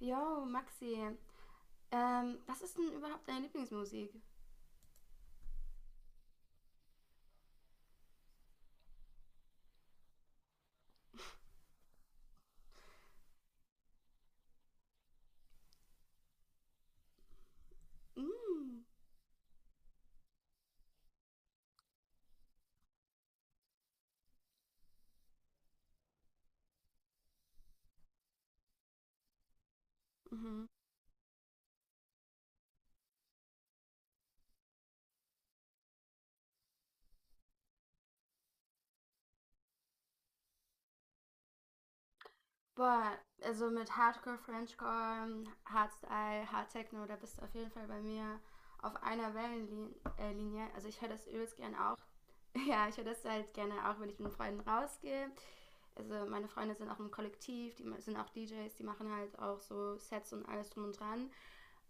Jo, Maxi, was ist denn überhaupt deine Lieblingsmusik? Mm. Mhm. Boah, also mit Hardcore, Frenchcore, Hardstyle, Hardtechno, da bist du auf jeden Fall bei mir auf einer Wellenlinie. Also ich höre das übelst gern auch. Ja, ich höre das halt gerne auch, wenn ich mit Freunden rausgehe. Also meine Freunde sind auch im Kollektiv, sind auch DJs, die machen halt auch so Sets und alles drum und dran.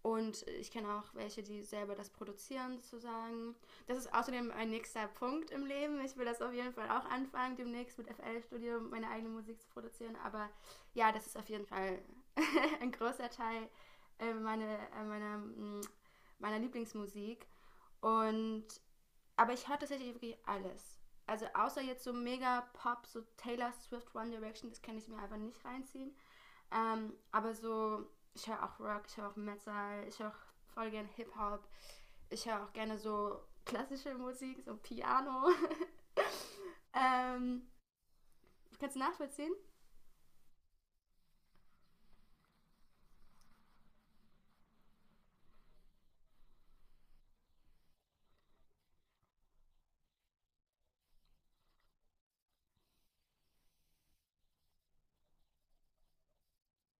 Und ich kenne auch welche, die selber das produzieren, sozusagen. Das ist außerdem ein nächster Punkt im Leben. Ich will das auf jeden Fall auch anfangen, demnächst mit FL-Studium meine eigene Musik zu produzieren. Aber ja, das ist auf jeden Fall ein großer Teil äh, meine, äh, meiner, mm, meiner Lieblingsmusik. Und, aber ich höre tatsächlich wirklich alles. Also außer jetzt so mega Pop, so Taylor Swift, One Direction, das kann ich mir einfach nicht reinziehen. Aber so, ich höre auch Rock, ich höre auch Metal, ich höre auch voll gerne Hip-Hop. Ich höre auch gerne so klassische Musik, so Piano. ähm, Kannst du nachvollziehen?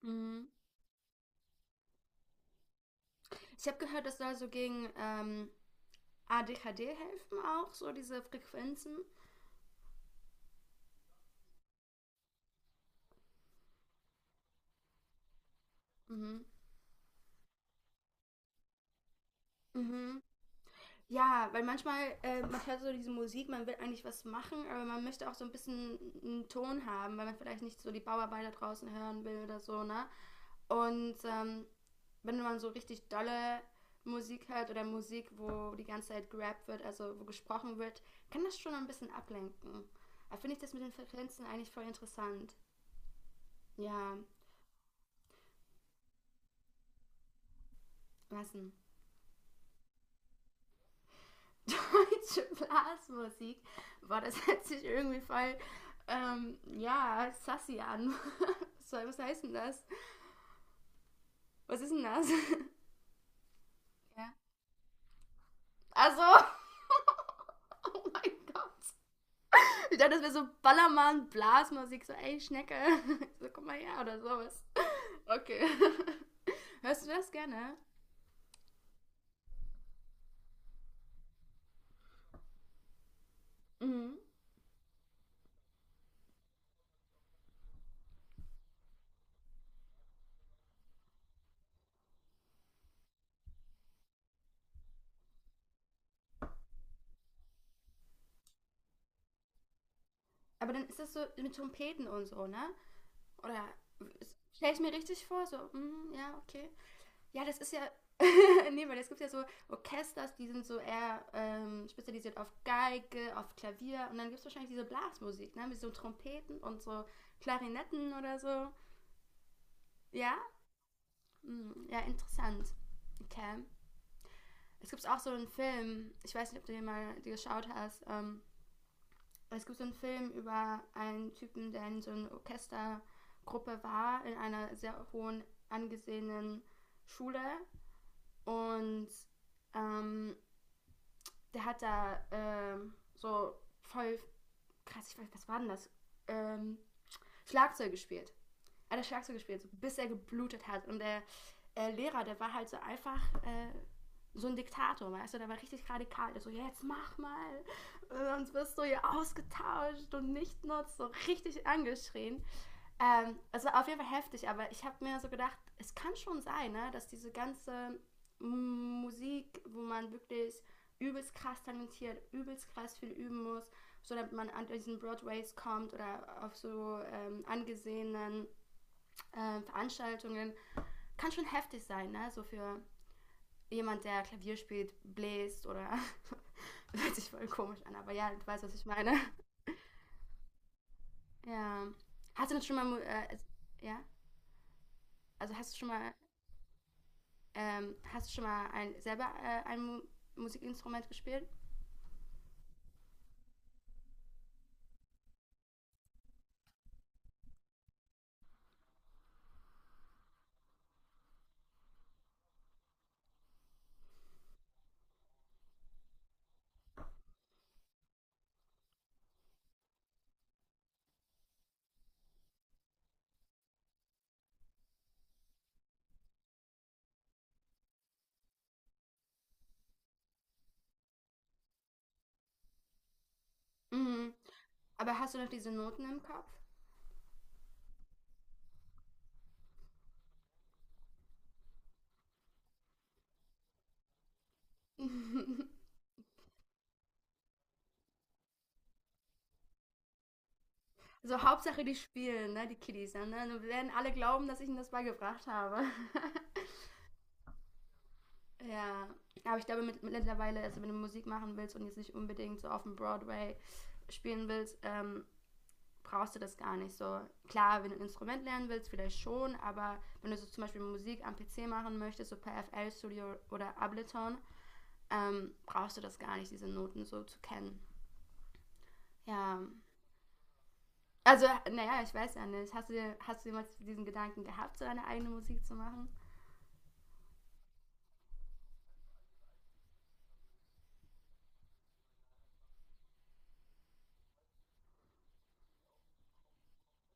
Mhm. Ich habe gehört, das soll so gegen ADHD helfen auch, so diese Frequenzen. Mhm. Mhm. Ja, weil manchmal, man hört so diese Musik, man will eigentlich was machen, aber man möchte auch so ein bisschen einen Ton haben, weil man vielleicht nicht so die Bauarbeiter draußen hören will oder so, ne? Und wenn man so richtig dolle Musik hört oder Musik, wo die ganze Zeit gerappt wird, also wo gesprochen wird, kann das schon ein bisschen ablenken. Da finde ich das mit den Frequenzen eigentlich voll interessant. Ja, lassen. Deutsche Blasmusik. Boah, das hört sich irgendwie voll, ja, sassy an. Was soll, was heißt denn das? Was ist denn das? Ja. Also. Oh mein Gott. Ich dachte, das wäre so Ballermann, Blasmusik, so ey, Schnecke. So, komm mal her oder sowas. Okay. Hörst du das gerne? Mhm. Aber dann ist das so mit Trompeten und so, ne? Oder stell ich mir richtig vor, so, mm, ja, okay. Ja, das ist ja, nee, weil es gibt ja so Orchesters, die sind so eher spezialisiert auf Geige, auf Klavier und dann gibt es wahrscheinlich diese Blasmusik, ne? Mit so Trompeten und so Klarinetten oder so. Ja? Mm, ja, interessant. Okay. Es gibt auch so einen Film, ich weiß nicht, ob du den mal geschaut hast. Es gibt so einen Film über einen Typen, der in so einer Orchestergruppe war, in einer sehr hohen angesehenen Schule. Und ähm, der hat da so voll krass, ich weiß, was war denn das? Ähm, Schlagzeug gespielt. Hat er Schlagzeug gespielt, so, bis er geblutet hat. Und der Lehrer, der war halt so einfach so ein Diktator, weißt du, der war richtig radikal. Der so, ja, jetzt mach mal, sonst wirst du hier ausgetauscht und nicht nutzt, so richtig angeschrien. Es auf jeden Fall heftig, aber ich habe mir so gedacht, es kann schon sein, ne, dass diese ganze Musik, wo man wirklich übelst krass talentiert, übelst krass viel üben muss, so damit man an diesen Broadways kommt oder auf so angesehenen Veranstaltungen kann schon heftig sein, ne? So für jemand, der Klavier spielt, bläst oder hört sich voll komisch an, aber ja, du weißt, was ich meine. Ja. Hast du schon mal, ja? Also hast du schon mal, hast du schon mal ein, selber ein Mu Musikinstrument gespielt? Mhm. Aber hast du noch diese Noten im Kopf? So Hauptsache die spielen, ne? Die Kiddies, ne? Dann werden alle glauben, dass ich ihnen das beigebracht habe. Ja, aber ich glaube mittlerweile, also wenn du Musik machen willst und jetzt nicht unbedingt so auf dem Broadway spielen willst, brauchst du das gar nicht so. Klar, wenn du ein Instrument lernen willst, vielleicht schon, aber wenn du so zum Beispiel Musik am PC machen möchtest, so per FL Studio oder Ableton, brauchst du das gar nicht, diese Noten so zu kennen. Ja. Also, naja, ich weiß ja nicht. Hast du jemals diesen Gedanken gehabt, so deine eigene Musik zu machen?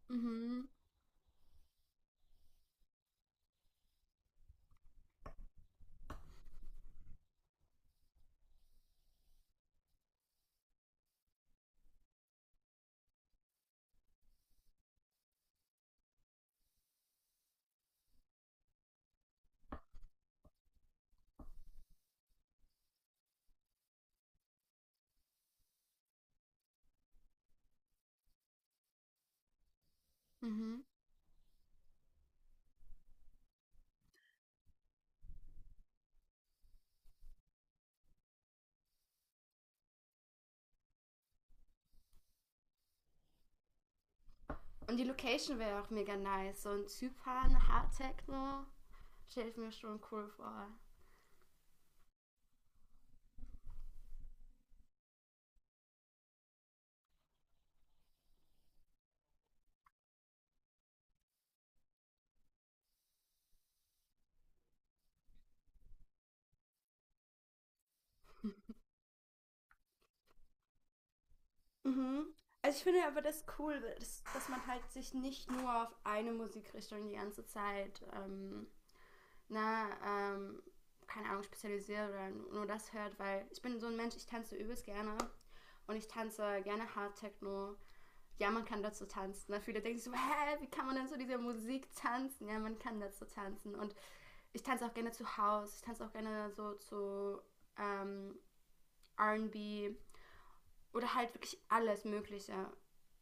Mhm. Mhm. Und die Location wäre auch mega nice. So in Zypern, Hard Techno. Stelle ich mir schon cool vor. Mhm. Also ich finde aber das cool, dass man halt sich nicht nur auf eine Musikrichtung die ganze Zeit, na, ähm, keine Ahnung, spezialisiert oder nur das hört, weil ich bin so ein Mensch, ich tanze übelst gerne und ich tanze gerne Hard Techno. Ja, man kann dazu tanzen. Ne? Viele denken so, hä, wie kann man denn so diese Musik tanzen? Ja, man kann dazu tanzen. Und ich tanze auch gerne zu House, ich tanze auch gerne so zu ähm, RB, oder halt wirklich alles Mögliche.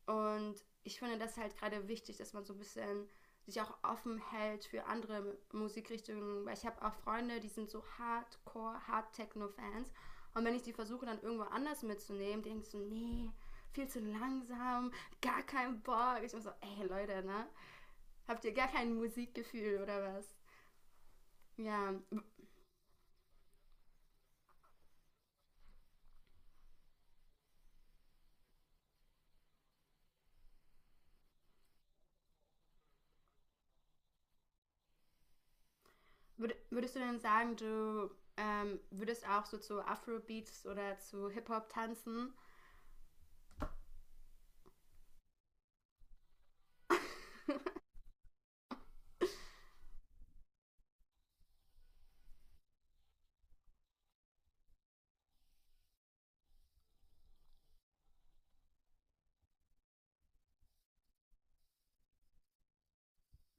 Und ich finde das halt gerade wichtig, dass man so ein bisschen sich auch offen hält für andere Musikrichtungen, weil ich habe auch Freunde, die sind so Hardcore, Hard Techno Fans und wenn ich die versuche dann irgendwo anders mitzunehmen, denke ich so, nee, viel zu langsam, gar kein Bock. Ich bin so, ey Leute, ne? Habt ihr gar kein Musikgefühl oder was? Ja, würdest du denn sagen, du würdest auch so zu Afrobeats oder zu Hip-Hop tanzen?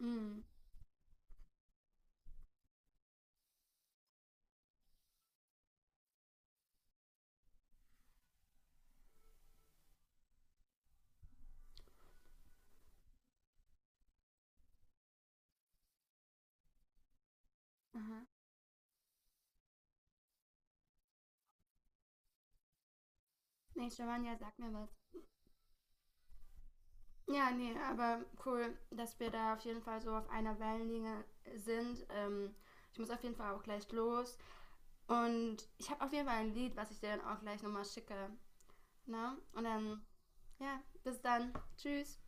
Mhm. Aha. Nee, Giovanni sagt mir was. Ja, nee, aber cool, dass wir da auf jeden Fall so auf einer Wellenlinie sind. Ich muss auf jeden Fall auch gleich los. Und ich habe auf jeden Fall ein Lied, was ich dir dann auch gleich nochmal schicke. Ne? Und dann, ja, bis dann. Tschüss.